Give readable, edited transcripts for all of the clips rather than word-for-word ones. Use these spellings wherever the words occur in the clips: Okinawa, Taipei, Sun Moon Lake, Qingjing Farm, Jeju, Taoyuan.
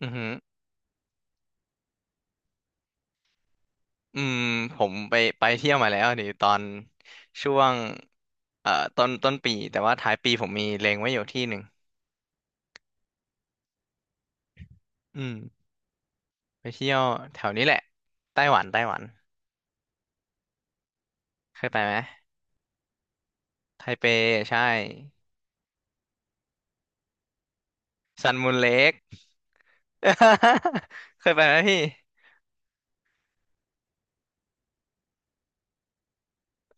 อือหืออืมผมไปเที่ยวมาแล้วดีตอนช่วงต้นปีแต่ว่าท้ายปีผมมีเล็งไว้อยู่ที่หนึ่งอืมไปเที่ยวแถวนี้แหละไต้หวันไต้หวันเคยไปไหมไทเปใช่ซันมูนเลค เคยไปไหมพี่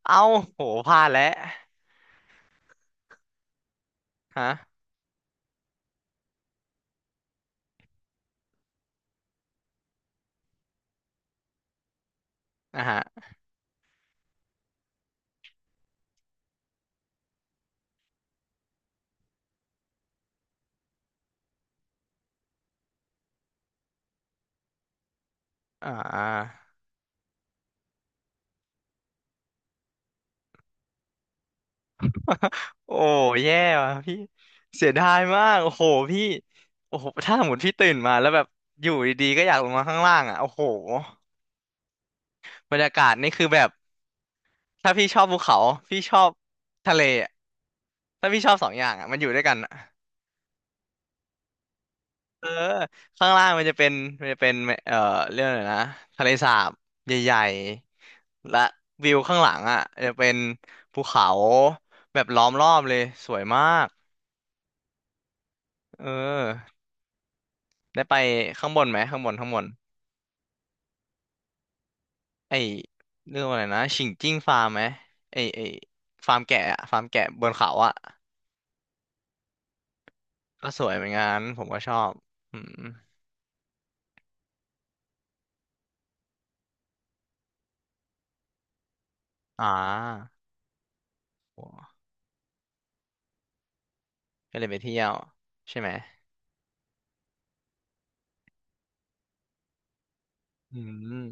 เอ้าโหพลาดแล้วฮะอ่าฮะอ่า โอ้แย่ว่ะพี่เสียดายมากโอ้โหพี่โอ้โหถ้าสมมติพี่ตื่นมาแล้วแบบอยู่ดีๆก็อยากลงมาข้างล่างอ่ะโอ้โหบรรยากาศนี่คือแบบถ้าพี่ชอบภูเขาพี่ชอบทะเลอะถ้าพี่ชอบสองอย่างอ่ะมันอยู่ด้วยกันอะเออข้างล่างมันจะเป็นเอ่อเรื่องอะไรนะทะเลสาบใหญ่ๆและวิวข้างหลังอ่ะจะเป็นภูเขาแบบล้อมรอบเลยสวยมากเออได้ไปข้างบนไหมข้างบนข้างบน ไอเรื่องอะไรนะฉิงจิ้งฟาร์มไหมไอฟาร์มแกะอะฟาร์มแกะบนเขาอะก็สวยเหมือนกันผมก็ชอบอืมอ่าโหก็เลยไปเที่ยวใช่ไหมอืม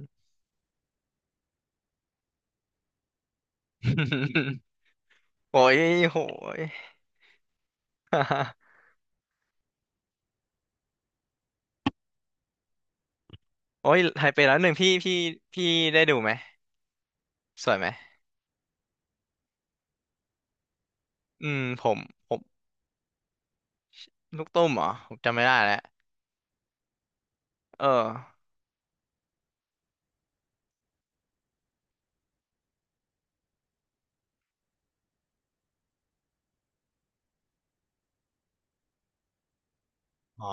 โอ้ยโหย โอ้ยไทเปแล้วหนึ่งพี่พี่พี่ได้ดูไหมสวยไหมอืมผมผมลูกตุ้มเหรอผมจำไม่ได้แล้วเออ อ๋อ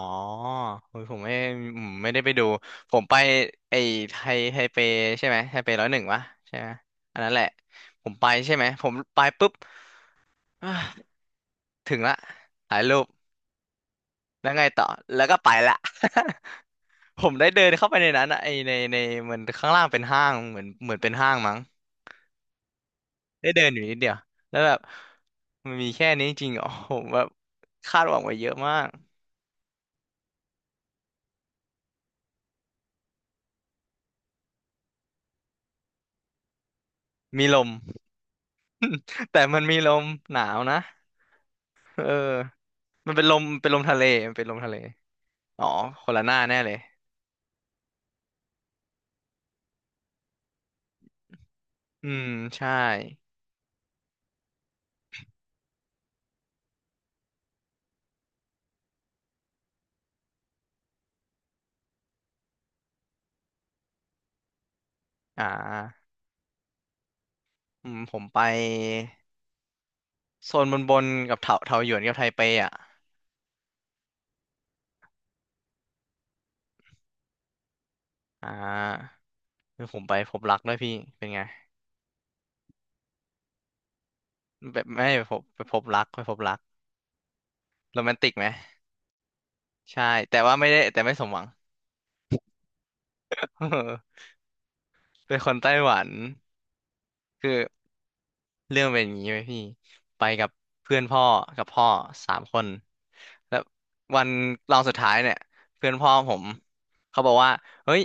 เฮ้ยผมไม่ไม่ได้ไปดู ผมไปไอ้ไทเปใช่ไหมไทเป101วะใช่ไหมอันนั้นแหละผมไปใช่ไหมผมไปปุ๊บอ่ะถึงละถ่ายรูป แล้วไงต่อแล้วก็ไปละ ผมได้เดินเข้าไปในนั้นอะไอในมันข้างล่างเป็นห้างเหมือนเป็นห้างมั้งได้เดินอยู่นิดเดียวแล้วแบบมันมีแค่นี้จริงๆอ๋อผมแบบคาดหวังไว้เยอะมาก มีลม แต่มันมีลมหนาวนะเออ มันเป็นลมทะเลมันเป็นลมทะเลอ๋อคนละหน้าแน่เลยอืมใช่อ่าผมไปโซนบนกับเถาหยวนกับไทเปอ่ะอ่าคือผมไปพบรักด้วยพี่เป็นไงแบบไม่ไปพบไปพบรักโรแมนติกไหมใช่แต่ว่าไม่ได้แต่ไม่สมหวัง เป็นคนไต้หวันคือ เรื่องเป็นอย่างนี้ไหมพี่ไปกับเพื่อนพ่อกับพ่อสามคนแล้ววันรองสุดท้ายเนี่ยเพื่อนพ่อผมเขาบอกว่าเฮ้ย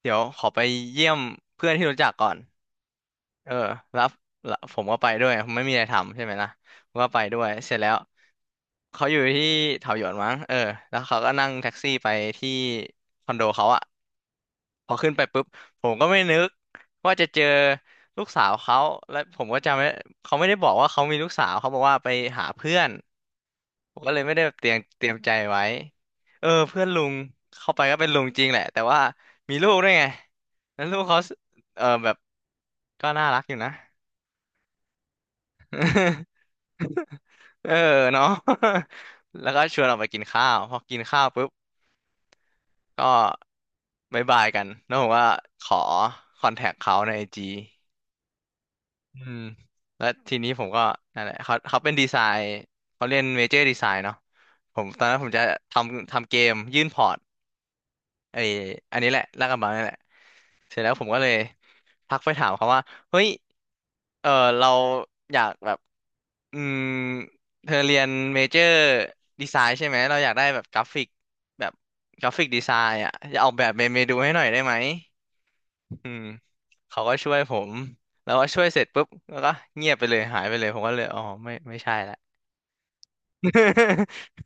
เดี๋ยวขอไปเยี่ยมเพื่อนที่รู้จักก่อนเออแล้วแล้วผมก็ไปด้วยผมไม่มีอะไรทำใช่ไหมล่ะผมก็ไปด้วยเสร็จแล้วเขาอยู่ที่เถาหยวนมั้งเออแล้วเขาก็นั่งแท็กซี่ไปที่คอนโดเขาอะ พอขึ้นไปปุ๊บผมก็ไม่นึกว่าจะเจอลูกสาวเขาและผมก็จำไม่เขาไม่ได้บอกว่าเขามีลูกสาวเขาบอกว่าไปหาเพื่อนผมก็เลยไม่ได้เตรียมใจไว้เออเพื่อนลุงเข้าไปก็เป็นลุงจริงแหละแต่ว่ามีลูกด้วยไงแล้วลูกเขาเออแบบก็น่ารักอยู่นะ เออเนาะ แล้วก็ชวนออกไปกินข้าวพอกินข้าวปุ๊บก็บายบายกันแล้วผมว่าขอคอนแทคเขาในIG อืมแล้วทีนี้ผมก็นั่นแหละเขาเป็นดีไซน์เขาเรียนเมเจอร์ดีไซน์เนาะผมตอนนั้นผมจะทำเกมยื่นพอร์ตไออันนี้แหละลากกระบังนี่แหละเสร็จแล้วผมก็เลยทักไปถามเขาว่าเฮ้ยเออเราอยากแบบอืมเธอเรียนเมเจอร์ดีไซน์ใช่ไหมเราอยากได้แบบกราฟิกแบบกราฟิกดีไซน์อ่ะจะออกแบบเมนูให้หน่อยได้ไหม อืมเขาก็ช่วยผมแล้วก็ช่วยเสร็จปุ๊บแล้วก็เงียบไปเลยหายไปเลยผมก็เลยอ๋อไม่ไม่ใช่ละ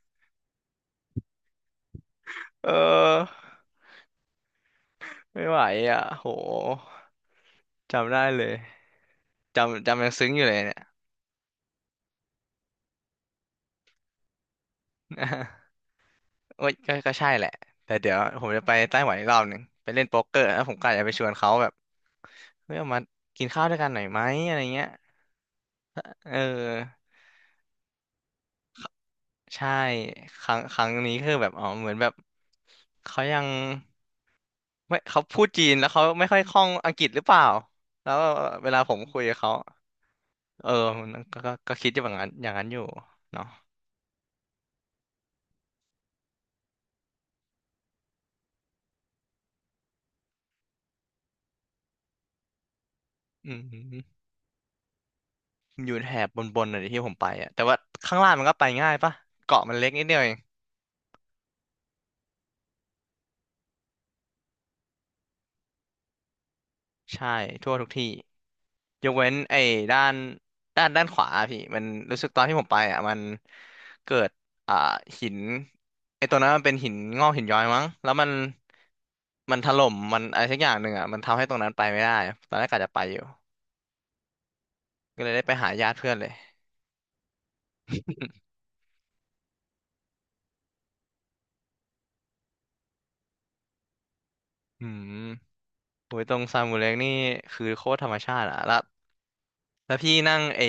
เออไม่ไหวอ่ะโหจำได้เลยจำยังซึ้งอยู่เลยเนี่ย โอ้ยก็ใช่แหละแต่เดี๋ยวผมจะไปไต้หวันอีกรอบหนึ่งไปเล่นโป๊กเกอร์แล้วผมก็อาจจะไปชวนเขาแบบเฮ้ยเอามากินข้าวด้วยกันหน่อยไหมอะไรเงี้ยเออใช่ครั้งนี้คือแบบอ๋อเหมือนแบบเขายัง ไม่เขาพูดจีนแล้วเขาไม่ค่อยคล่องอังกฤษหรือเปล่าแล้วเวลาผมคุยกับเขาเออมันก็คิดอย่างนั้นอย่างนั้นอยู่เนาะอืมอยู่แถบบนๆน่ะดิที่ผมไปอ่ะแต่ว่าข้างล่างมันก็ไปง่ายปะเกาะมันเล็กนิดเดียวเอง ใช่ทั่วทุกที่ยกเว้นไอ้ด้านด้านขวาอะพี่มันรู้สึกตอนที่ผมไปอ่ะมันเกิดอ่าหินไอ้ตัวนั้นมันเป็นหินงอกหินย้อยมั้งแล้วมันถล่มมันอะไรสักอย่างหนึ่งอ่ะมันทำให้ตรงนั้นไปไม่ได้ตอนแรกกะจะไปอยู่ก็เลยได้ไปหาญาติเพื่อนเลยอืมโอ้ยตรงซามูเล็กนี่คือโคตรธรรมชาติอ่ะแล้ว แล้วพี่นั่งไอ้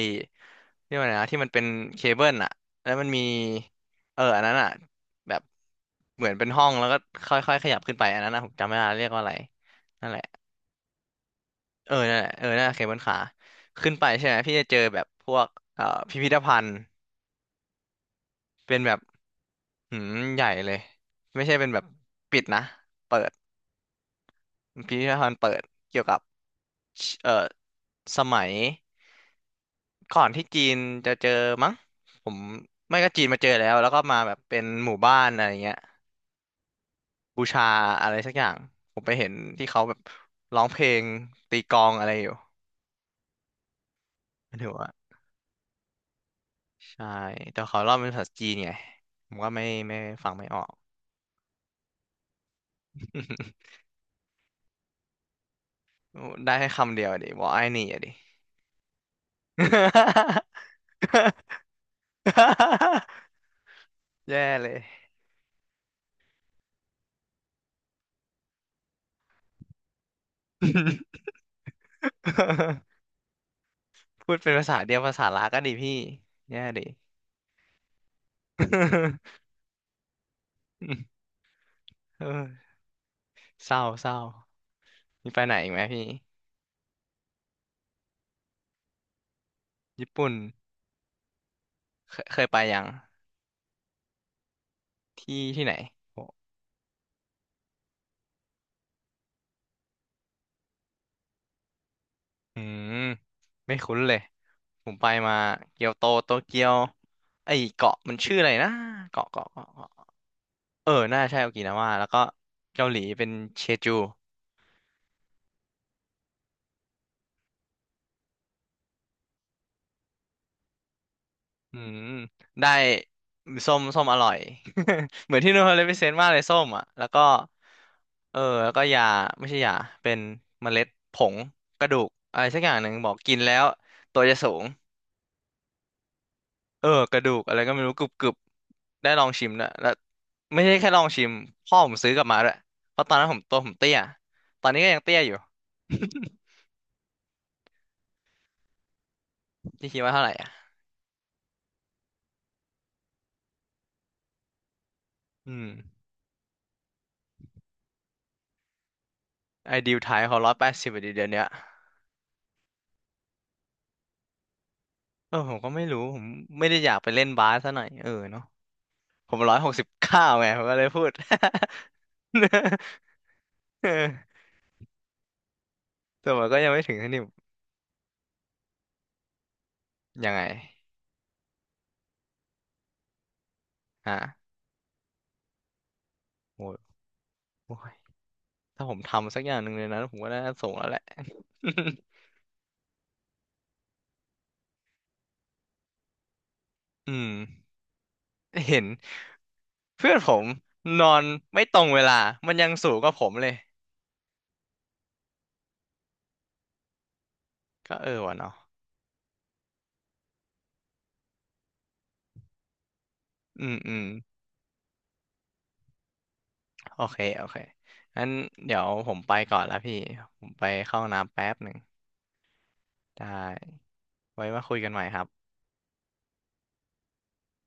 เรียกว่าไงนะที่มันเป็นเคเบิลอะแล้วมันมีเอออันนั้นอะแบบเหมือนเป็นห้องแล้วก็ค่อยๆขยับขึ้นไปอันนั้นนะผมจำไม่ได้เรียกว่าอะไรนั่นแหละเออนั่นแหละเออนั่นแหละเคเบิลคาร์ขึ้นไปใช่ไหมพี่จะเจอแบบพวกพิพิธภัณฑ์เป็นแบบหืมใหญ่เลยไม่ใช่เป็นแบบปิดนะเปิดพิพิธภัณฑ์เปิดเกี่ยวกับเอ่อสมัย ก่อนที่จีนจะเจอมั้งผมไม่ก็จีนมาเจอแล้วแล้วก็มาแบบเป็นหมู่บ้านอะไรเงี้ยบูชาอะไรสักอย่างผมไปเห็นที่เขาแบบร้องเพลงตีกลองอะไรอยู่ไม่ถือว่าใช่แต่เขาเล่าเป็นภาษาจีนไงผมก็ไม่ฟังไม่ออก ได้แค่คำเดียวอะดิวอกไอ้นี่อะดิ แย่เลย พูดเป็นภาษาเดียวภาษาลาก็ดีพี่แย่ดิ เออ เศร้าเศร้ามีไปไหนอีกไหมพี่ญี่ปุ่นเคยเคยไปยังที่ที่ไหนโอ้อืมไม่คุ้นเลยผมไปมาเกียวโตโตเกียวไอเกาะมันชื่ออะไรนะเกาะเกาะเกาะเกาะเออน่าใช่โอกินาวาแล้วก็เกาหลีเป็นเชจูอืมได้ส้มส้มอร่อย เหมือนที่นูนเขาเลยพิเซนต์มากเลยส้มอ่ะแล้วก็เออแล้วก็ยาไม่ใช่ยาเป็นเมล็ดผงกระดูกอะไรสักอย่างหนึ่งบอกกินแล้วตัวจะสูง เออกระดูกอะไรก็ไม่รู้กรุบกรุบได้ลองชิมด้วแล้วไม่ใช่แค่ลองชิมพ่อผมซื้อกลับมาด้วยเพราะตอนนั้นผมตัวผมเตี้ยตอนนี้ก็ยังเตี้ยอยู่ พี่คิดว่าเท่าไหร่อ่ะอืมไอดิวไทยเขา180ดีเดี๋ยวเนี้ยเออผมก็ไม่รู้ผมไม่ได้อยากไปเล่นบาสซะหน่อยเออเนาะผม169ไงผมก็เลยพูด เออแต่มันก็ยังไม่ถึงขั้นที่ยังไงฮะโอ้ยโอ้ยถ้าผมทำสักอย่างหนึ่งเลยนะผมก็น่าจะส่งแล้วแหละ อืมเห็น เพื่อนผมนอนไม่ตรงเวลา มันยังสูงกว่าผมเลย ก็เออวะเนาะ อืมอืม โอเค โอเคงั้นเดี๋ยวผมไปก่อนละพี่ ผมไปเข้าห้องน้ำแป๊บหนึ่ง ได้ ไว้มาคุยกันใหม่ครับ